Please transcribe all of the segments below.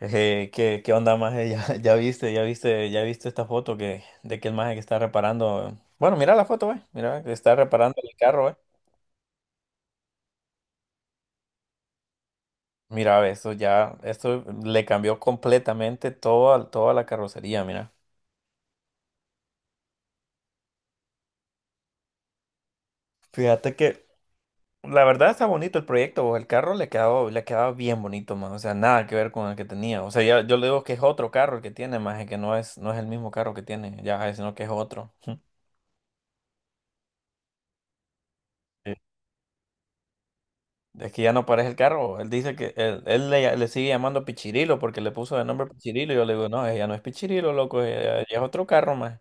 ¿Qué onda, maje? Ya viste esta foto de que el maje que está reparando. Bueno, mira la foto, ve. Mira, que está reparando el carro, ve. Mira, ve, esto le cambió completamente toda la carrocería, mira. Fíjate que la verdad está bonito el proyecto, vos. El carro le quedó, le quedaba bien bonito, más. O sea, nada que ver con el que tenía. O sea, ya, yo le digo que es otro carro el que tiene, maje, que no es, no es el mismo carro que tiene, ya, sino que es otro. Es que ya no parece el carro. Él dice que le sigue llamando Pichirilo porque le puso de nombre Pichirilo. Y yo le digo, no, ella no es Pichirilo, loco, ella es otro carro más.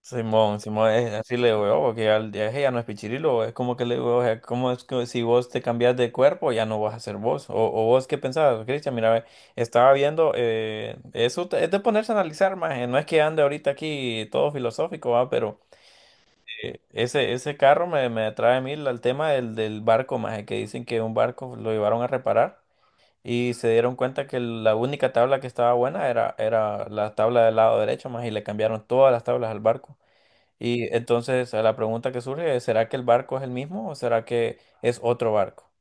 Simón, Simón, así le digo, "Oh, ya, ella no es Pichirilo". Es como que le digo, o sea, ¿cómo es que si vos te cambias de cuerpo ya no vas a ser vos? O vos qué pensabas, Cristian, mira, ve, estaba viendo, es de ponerse a analizar más. No es que ande ahorita aquí todo filosófico, va, pero. Ese carro me atrae a mí el tema del barco, más, que dicen que un barco lo llevaron a reparar y se dieron cuenta que la única tabla que estaba buena era la tabla del lado derecho, más, y le cambiaron todas las tablas al barco. Y entonces a la pregunta que surge es, ¿será que el barco es el mismo o será que es otro barco?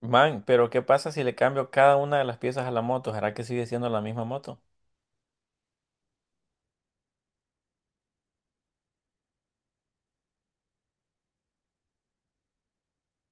Man, pero ¿qué pasa si le cambio cada una de las piezas a la moto? ¿Será que sigue siendo la misma moto?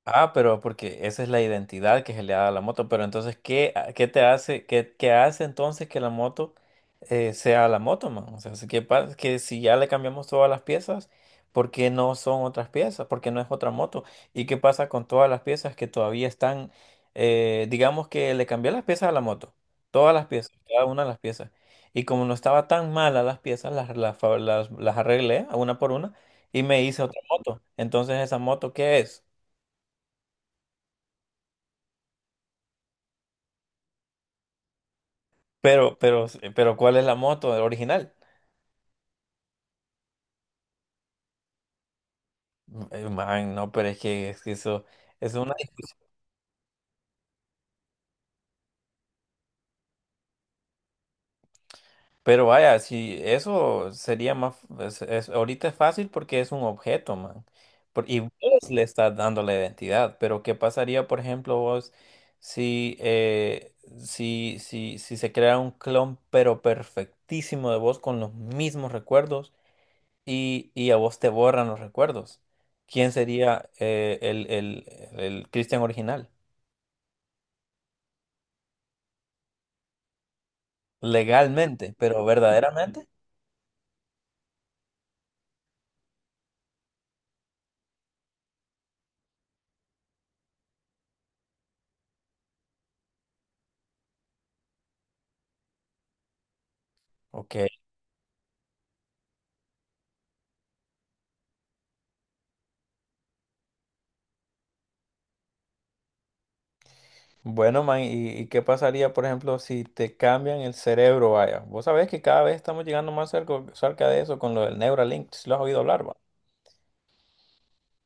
Ah, pero porque esa es la identidad que se le da a la moto. Pero entonces, ¿qué te hace, qué hace entonces que la moto sea la moto, man? O sea, que si ya le cambiamos todas las piezas, ¿por qué no son otras piezas? ¿Por qué no es otra moto? ¿Y qué pasa con todas las piezas que todavía están, digamos que le cambié las piezas a la moto, todas las piezas, cada una de las piezas. Y como no estaba tan mala las piezas, las, fa- las arreglé a una por una y me hice otra moto. Entonces, ¿esa moto qué es? Pero, pero, pero, ¿cuál es la moto el original? Man, no, es que eso es una. Pero vaya, si eso sería más. Es- ahorita es fácil porque es un objeto, man. Y vos le estás dando la identidad. Pero, ¿qué pasaría, por ejemplo, vos si, si se crea un clon, pero perfectísimo de vos con los mismos recuerdos y, a vos te borran los recuerdos? ¿Quién sería el Cristian original? Legalmente, pero verdaderamente. Ok. Bueno, man, y qué pasaría, por ejemplo, si te cambian el cerebro, vaya? Vos sabés que cada vez estamos llegando más cerca de eso con lo del Neuralink, si lo has oído hablar, va.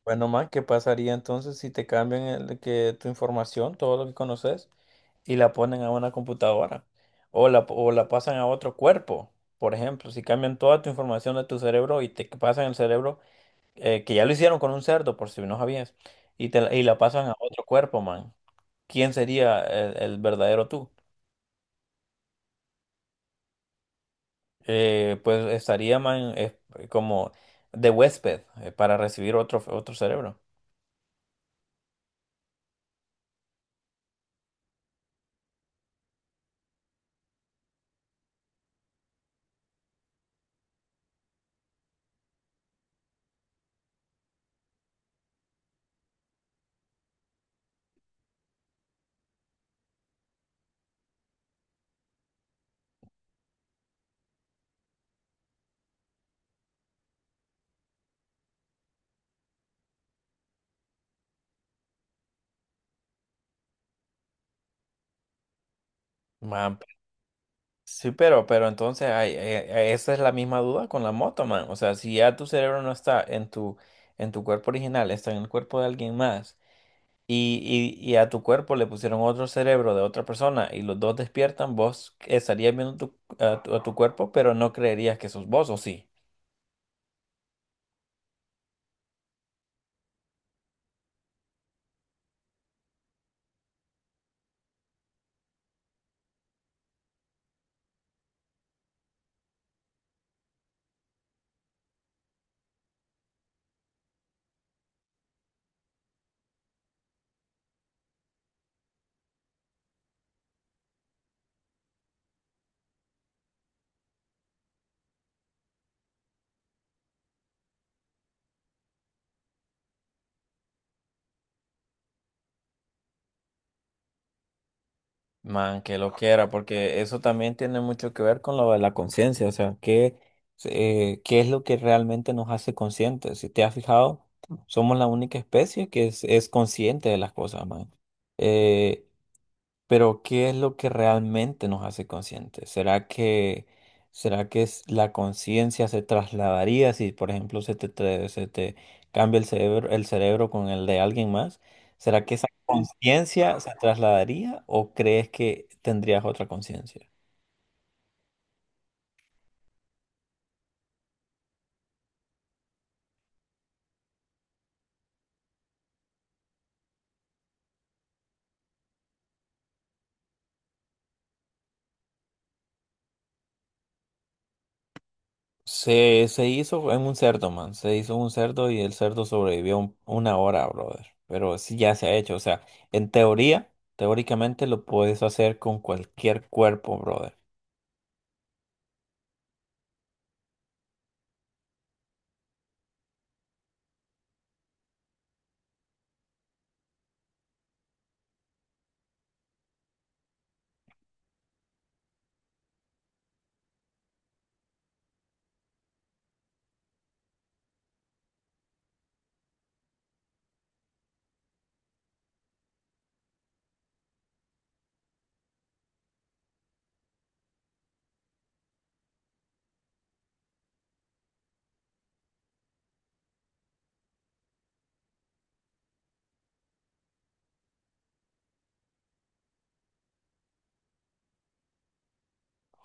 Bueno, man, ¿qué pasaría entonces si te cambian tu información, todo lo que conoces, y la ponen a una computadora? O la pasan a otro cuerpo, por ejemplo, si cambian toda tu información de tu cerebro y te pasan el cerebro que ya lo hicieron con un cerdo, por si no sabías, y, y la pasan a otro cuerpo, man. ¿Quién sería el verdadero tú? Pues estaría, man, como de huésped para recibir otro cerebro. Man, pe- sí, pero entonces esa es la misma duda con la moto, man. O sea, si ya tu cerebro no está en en tu cuerpo original, está en el cuerpo de alguien más y a tu cuerpo le pusieron otro cerebro de otra persona y los dos despiertan, vos estarías viendo a tu cuerpo, pero no creerías que sos vos, ¿o sí? Man, que lo quiera, porque eso también tiene mucho que ver con lo de la conciencia, o sea, ¿qué, qué es lo que realmente nos hace conscientes? Si te has fijado, somos la única especie es consciente de las cosas, man. Eh, Pero ¿qué es lo que realmente nos hace conscientes? Será que la conciencia se trasladaría si, por ejemplo, se te cambia el cerebro con el de alguien más? ¿Será que esa conciencia se trasladaría o crees que tendrías otra conciencia? Se hizo en un cerdo, man. Se hizo un cerdo y el cerdo sobrevivió una hora, brother. Pero sí ya se ha hecho. O sea, en teoría, teóricamente lo puedes hacer con cualquier cuerpo, brother.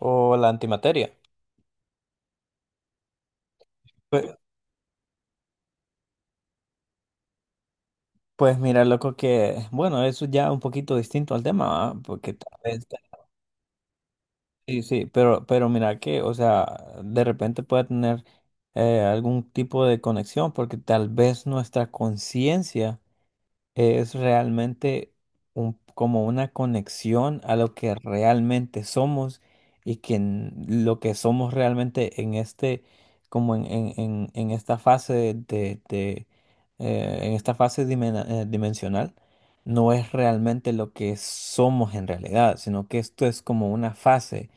O la antimateria. Pues, pues mira, loco, que bueno, eso ya un poquito distinto al tema, ¿va? Porque tal vez, sí, sí, pero mira que, o sea, de repente puede tener algún tipo de conexión, porque tal vez nuestra conciencia es realmente como una conexión a lo que realmente somos y que lo que somos realmente en este, como en esta fase en esta fase dimensional, no es realmente lo que somos en realidad, sino que esto es como una fase,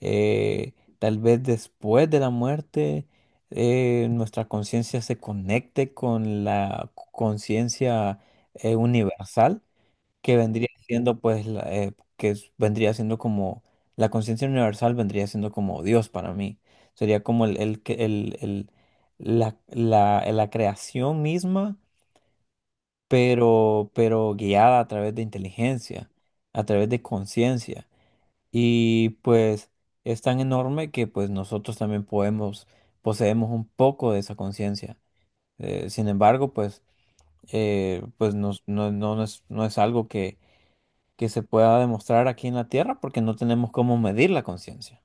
eh, tal vez después de la muerte, nuestra conciencia se conecte con la conciencia universal, que vendría siendo pues, vendría siendo como, la conciencia universal vendría siendo como Dios para mí. Sería como el, que- el- la creación misma, pero guiada a través de inteligencia, a través de conciencia. Y pues es tan enorme que pues nosotros también poseemos un poco de esa conciencia. Sin embargo, pues, no, no es algo que se pueda demostrar aquí en la Tierra porque no tenemos cómo medir la conciencia.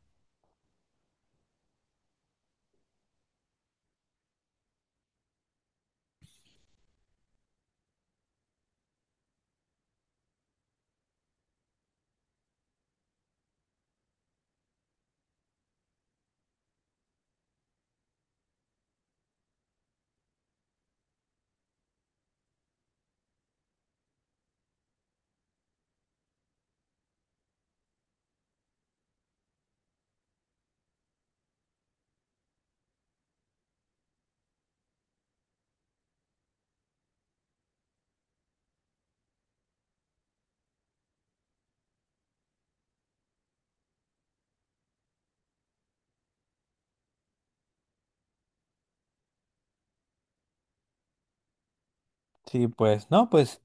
Sí, pues, no, pues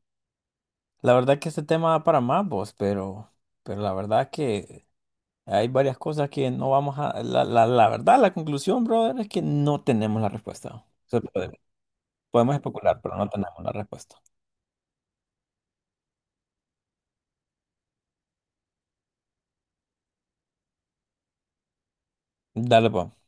la verdad que este tema da para más, vos, pero la verdad que hay varias cosas que no vamos a... La verdad, la conclusión, brother, es que no tenemos la respuesta. O sea, podemos especular, pero no tenemos la respuesta. Dale, pues.